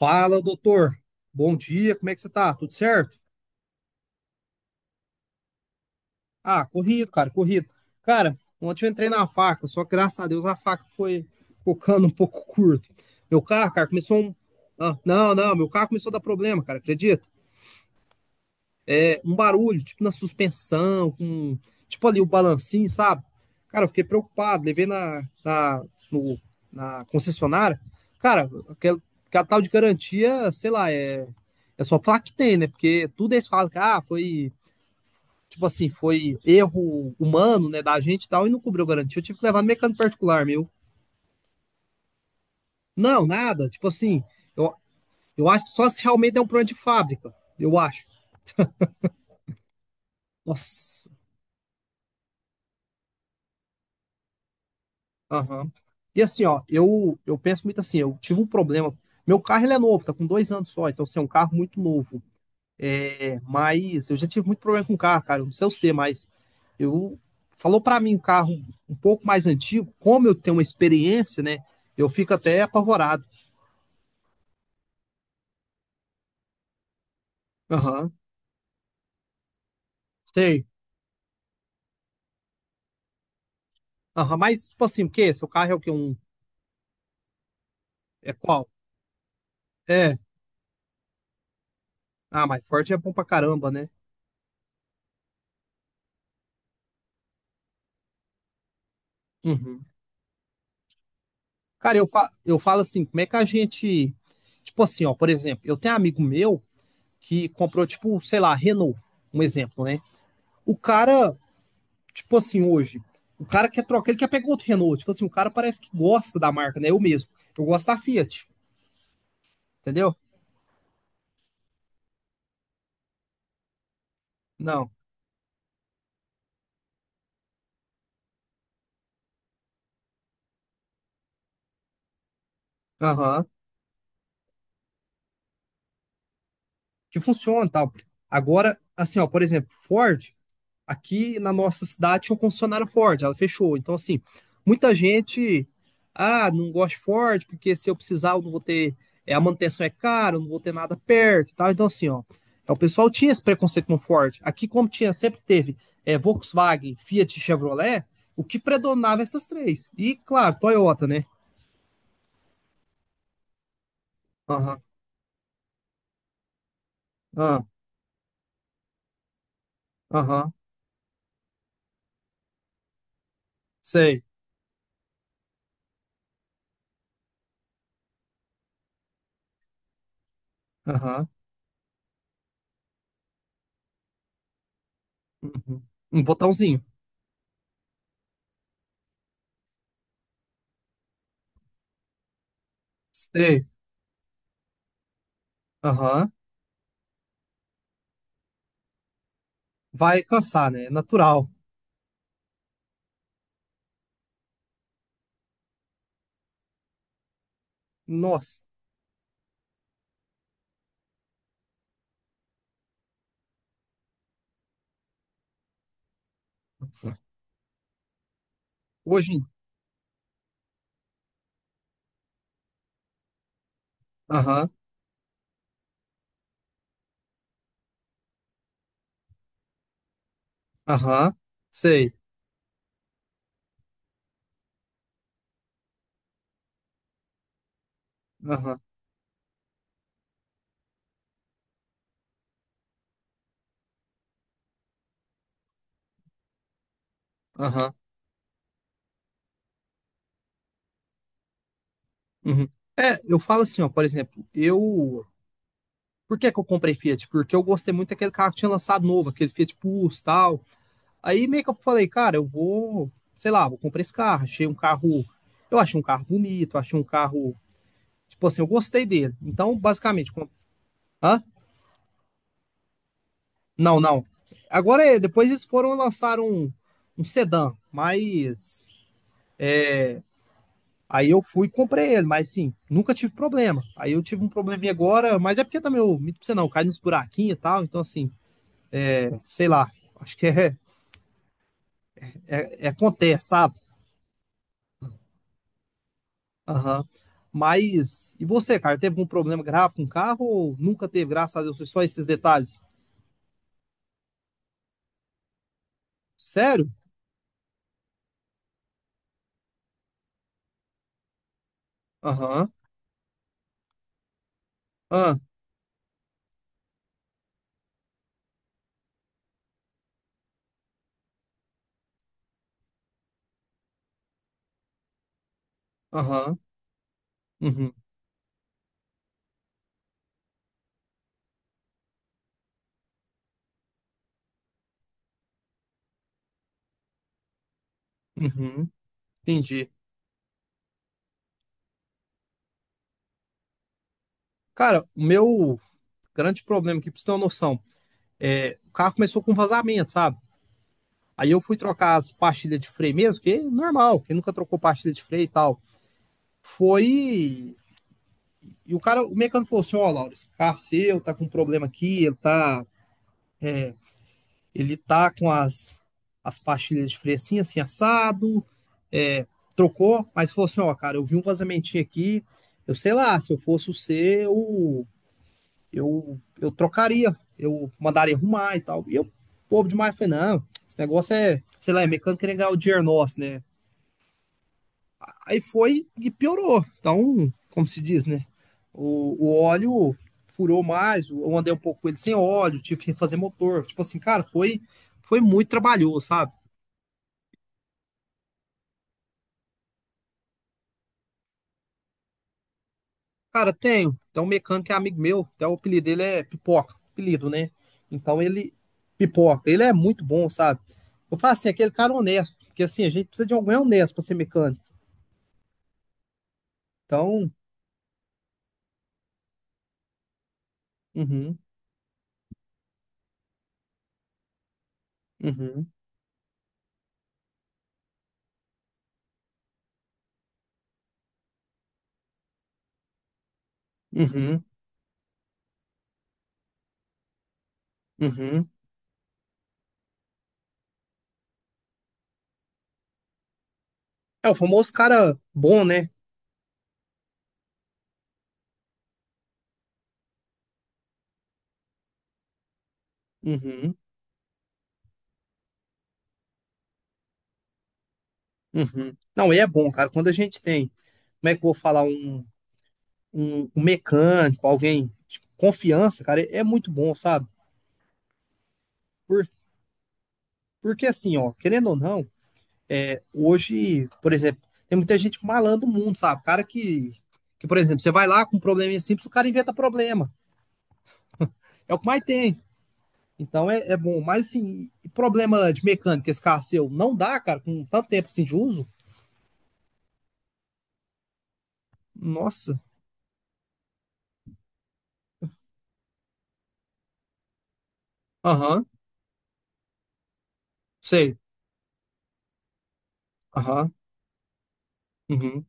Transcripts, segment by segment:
Fala, doutor. Bom dia, como é que você tá? Tudo certo? Ah, corrido. Cara, ontem eu entrei na faca, só que graças a Deus a faca foi focando um pouco curto. Meu carro, cara, começou um. Ah, não, não, meu carro começou a dar problema, cara, acredita? É, um barulho, tipo na suspensão, com. Tipo ali o balancinho, sabe? Cara, eu fiquei preocupado, levei na, na, no- na concessionária. Cara, aquela tal de garantia, sei lá, é. É só falar que tem, né? Porque tudo eles falam que ah, foi tipo assim, foi erro humano, né, da gente e tal, e não cobriu garantia. Eu tive que levar no mecânico particular meu. Não, nada. Tipo assim, eu, eu acho que só se realmente é um problema de fábrica. Eu acho. Nossa. Aham. E assim, ó, eu penso muito assim, eu tive um problema. Meu carro ele é novo, tá com 2 anos só, então assim, é um carro muito novo. É, mas eu já tive muito problema com o carro, cara. Eu não sei o ser, mas eu falou pra mim um carro um pouco mais antigo, como eu tenho uma experiência, né? Eu fico até apavorado. Aham. Sei. Aham, mas, tipo assim, o quê? Seu carro é o quê? Um... É qual? É. Ah, mas Ford é bom pra caramba, né? Uhum. Cara, eu falo assim, como é que a gente. Tipo assim, ó, por exemplo, eu tenho um amigo meu que comprou, tipo, sei lá, Renault, um exemplo, né? O cara, tipo assim, hoje, o cara quer trocar, ele quer pegar outro Renault. Tipo assim, o cara parece que gosta da marca, né? Eu mesmo. Eu gosto da Fiat, entendeu? Não. Aham. Que funciona e tal. Agora, assim, ó, por exemplo, Ford. Aqui na nossa cidade tinha um concessionário Ford, ela fechou. Então, assim, muita gente, ah, não gosto de Ford, porque se eu precisar, eu não vou ter, é, a manutenção é cara, eu não vou ter nada perto e tal. Então, assim, ó, é, o pessoal tinha esse preconceito com Ford. Aqui, como tinha, sempre teve é, Volkswagen, Fiat e Chevrolet, o que predominava essas três. E, claro, Toyota, né? Aham, aham, aham, sei, aham, uhum. Um botãozinho, sei, aham. Vai cansar, né? É natural. Nossa. Hoje em... Aham, aham, sei. Aham, aham. Uhum. É, eu falo assim, ó, por exemplo, eu... Por que que eu comprei Fiat? Porque eu gostei muito daquele carro que tinha lançado novo, aquele Fiat Pulse tal. Aí meio que eu falei, cara, eu vou, sei lá, vou comprar esse carro. Achei um carro... Eu achei um carro bonito, achei um carro... Tipo assim, eu gostei dele. Então, basicamente... Com... Hã? Não, não. Agora, é, depois eles foram lançar um sedã, mas... Aí eu fui e comprei ele, mas sim, nunca tive problema. Aí eu tive um probleminha agora, mas é porque também eu, minto pra você não, cai nos buraquinhos e tal, então assim, é, sei lá, acho que é, é, é acontece, sabe? Aham. Mas, e você, cara, teve algum problema grave com o carro ou nunca teve, graças a Deus, foi só esses detalhes? Sério? Aham, ah, aham, uhum, uhum, entendi. Cara, o meu grande problema aqui, pra você ter uma noção, é, o carro começou com vazamento, sabe? Aí eu fui trocar as pastilhas de freio mesmo, que é normal, quem nunca trocou pastilha de freio e tal. Foi. E o cara, o mecânico falou assim: Ó, Laura, esse carro seu tá com um problema aqui, ele tá com as pastilhas de freio assim, assim, assado. É, trocou, mas falou assim: Ó, cara, eu vi um vazamentinho aqui. Eu sei lá, se eu fosse o C, eu trocaria, eu mandaria arrumar e tal. E eu, povo demais, falei: Não, esse negócio é, sei lá, é mecânico querendo ganhar o dinheiro nosso, né? Aí foi e piorou. Então, como se diz, né? O óleo furou mais, eu andei um pouco com ele sem óleo, tive que refazer motor. Tipo assim, cara, foi muito trabalhoso, sabe? Cara, tenho. Então, um mecânico é amigo meu, até o apelido dele é Pipoca, apelido, né? Então, ele, Pipoca, ele é muito bom, sabe? Eu falo assim, aquele cara honesto, porque assim, a gente precisa de alguém honesto pra ser mecânico. Então, uhum, uhum, uhum, uhum. É o famoso cara bom, né? Uhum. Uhum. Não, e é bom, cara. Quando a gente tem, como é que eu vou falar, um mecânico, alguém de confiança, cara, é muito bom, sabe? Por, Porque assim, ó, querendo ou não, hoje, por exemplo, tem muita gente malandro no mundo, sabe? Cara que, por exemplo, você vai lá com um probleminha simples, o cara inventa problema. É o que mais tem. Então é, é bom. Mas assim, e problema de mecânica, esse carro seu, não dá, cara, com tanto tempo assim de uso? Nossa. Aham, sei. Aham, uhum,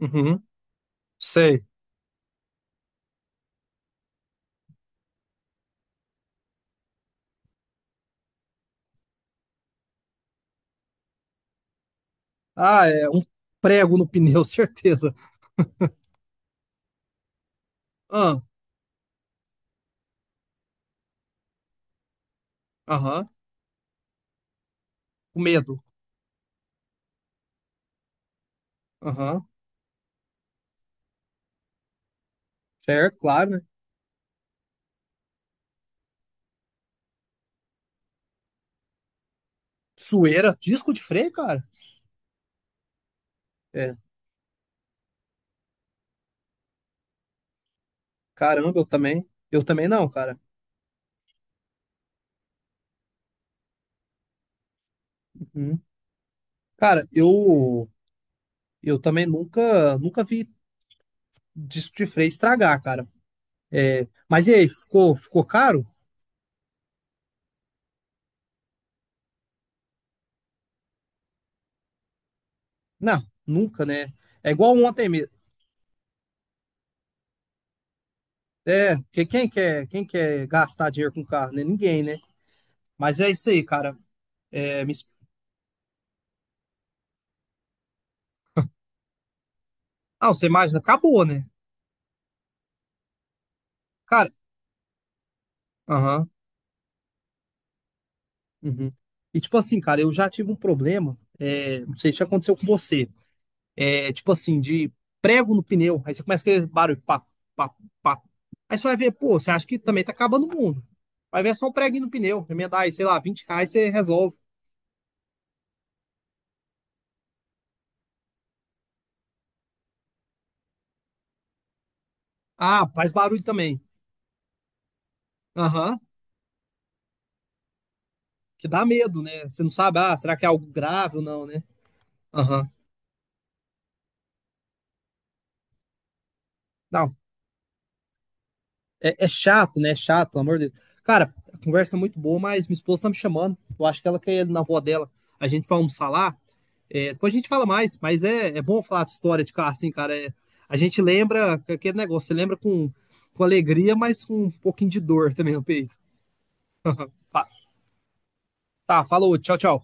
uhum, sei. Ah, é um prego no pneu, certeza. Ah, aham, o medo. Aham, certo, claro, né? Sueira, disco de freio, cara. É, caramba, eu também. Eu também não, cara. Uhum. Cara, eu também nunca vi disco de freio estragar, cara. É, mas e aí, ficou caro? Não, nunca, né? É igual ontem mesmo. É, que quem quer gastar dinheiro com carro, né? Ninguém, né? Mas é isso aí, cara. É, me... Ah, você imagina, acabou, né? Cara, aham. Uhum. E tipo assim, cara, eu já tive um problema, é, não sei se já aconteceu com você, é tipo assim, de prego no pneu, aí você começa aquele barulho, pá, pá, pá. Aí você vai ver, pô, você acha que também tá acabando o mundo. Vai ver é só um preguinho no pneu, remendar aí, sei lá, 20 reais você resolve. Ah, faz barulho também. Aham, que dá medo, né? Você não sabe, ah, será que é algo grave ou não, né? Aham. Não, é chato, né? É chato, pelo amor de Deus. Cara, a conversa é muito boa, mas minha esposa tá me chamando, eu acho que ela quer ir na avó dela. A gente vai almoçar lá. É, depois a gente fala mais, mas é bom falar de história de carro, assim, cara. É, a gente lembra aquele negócio, você lembra com alegria, mas com um pouquinho de dor também no peito. Tá, falou, tchau, tchau.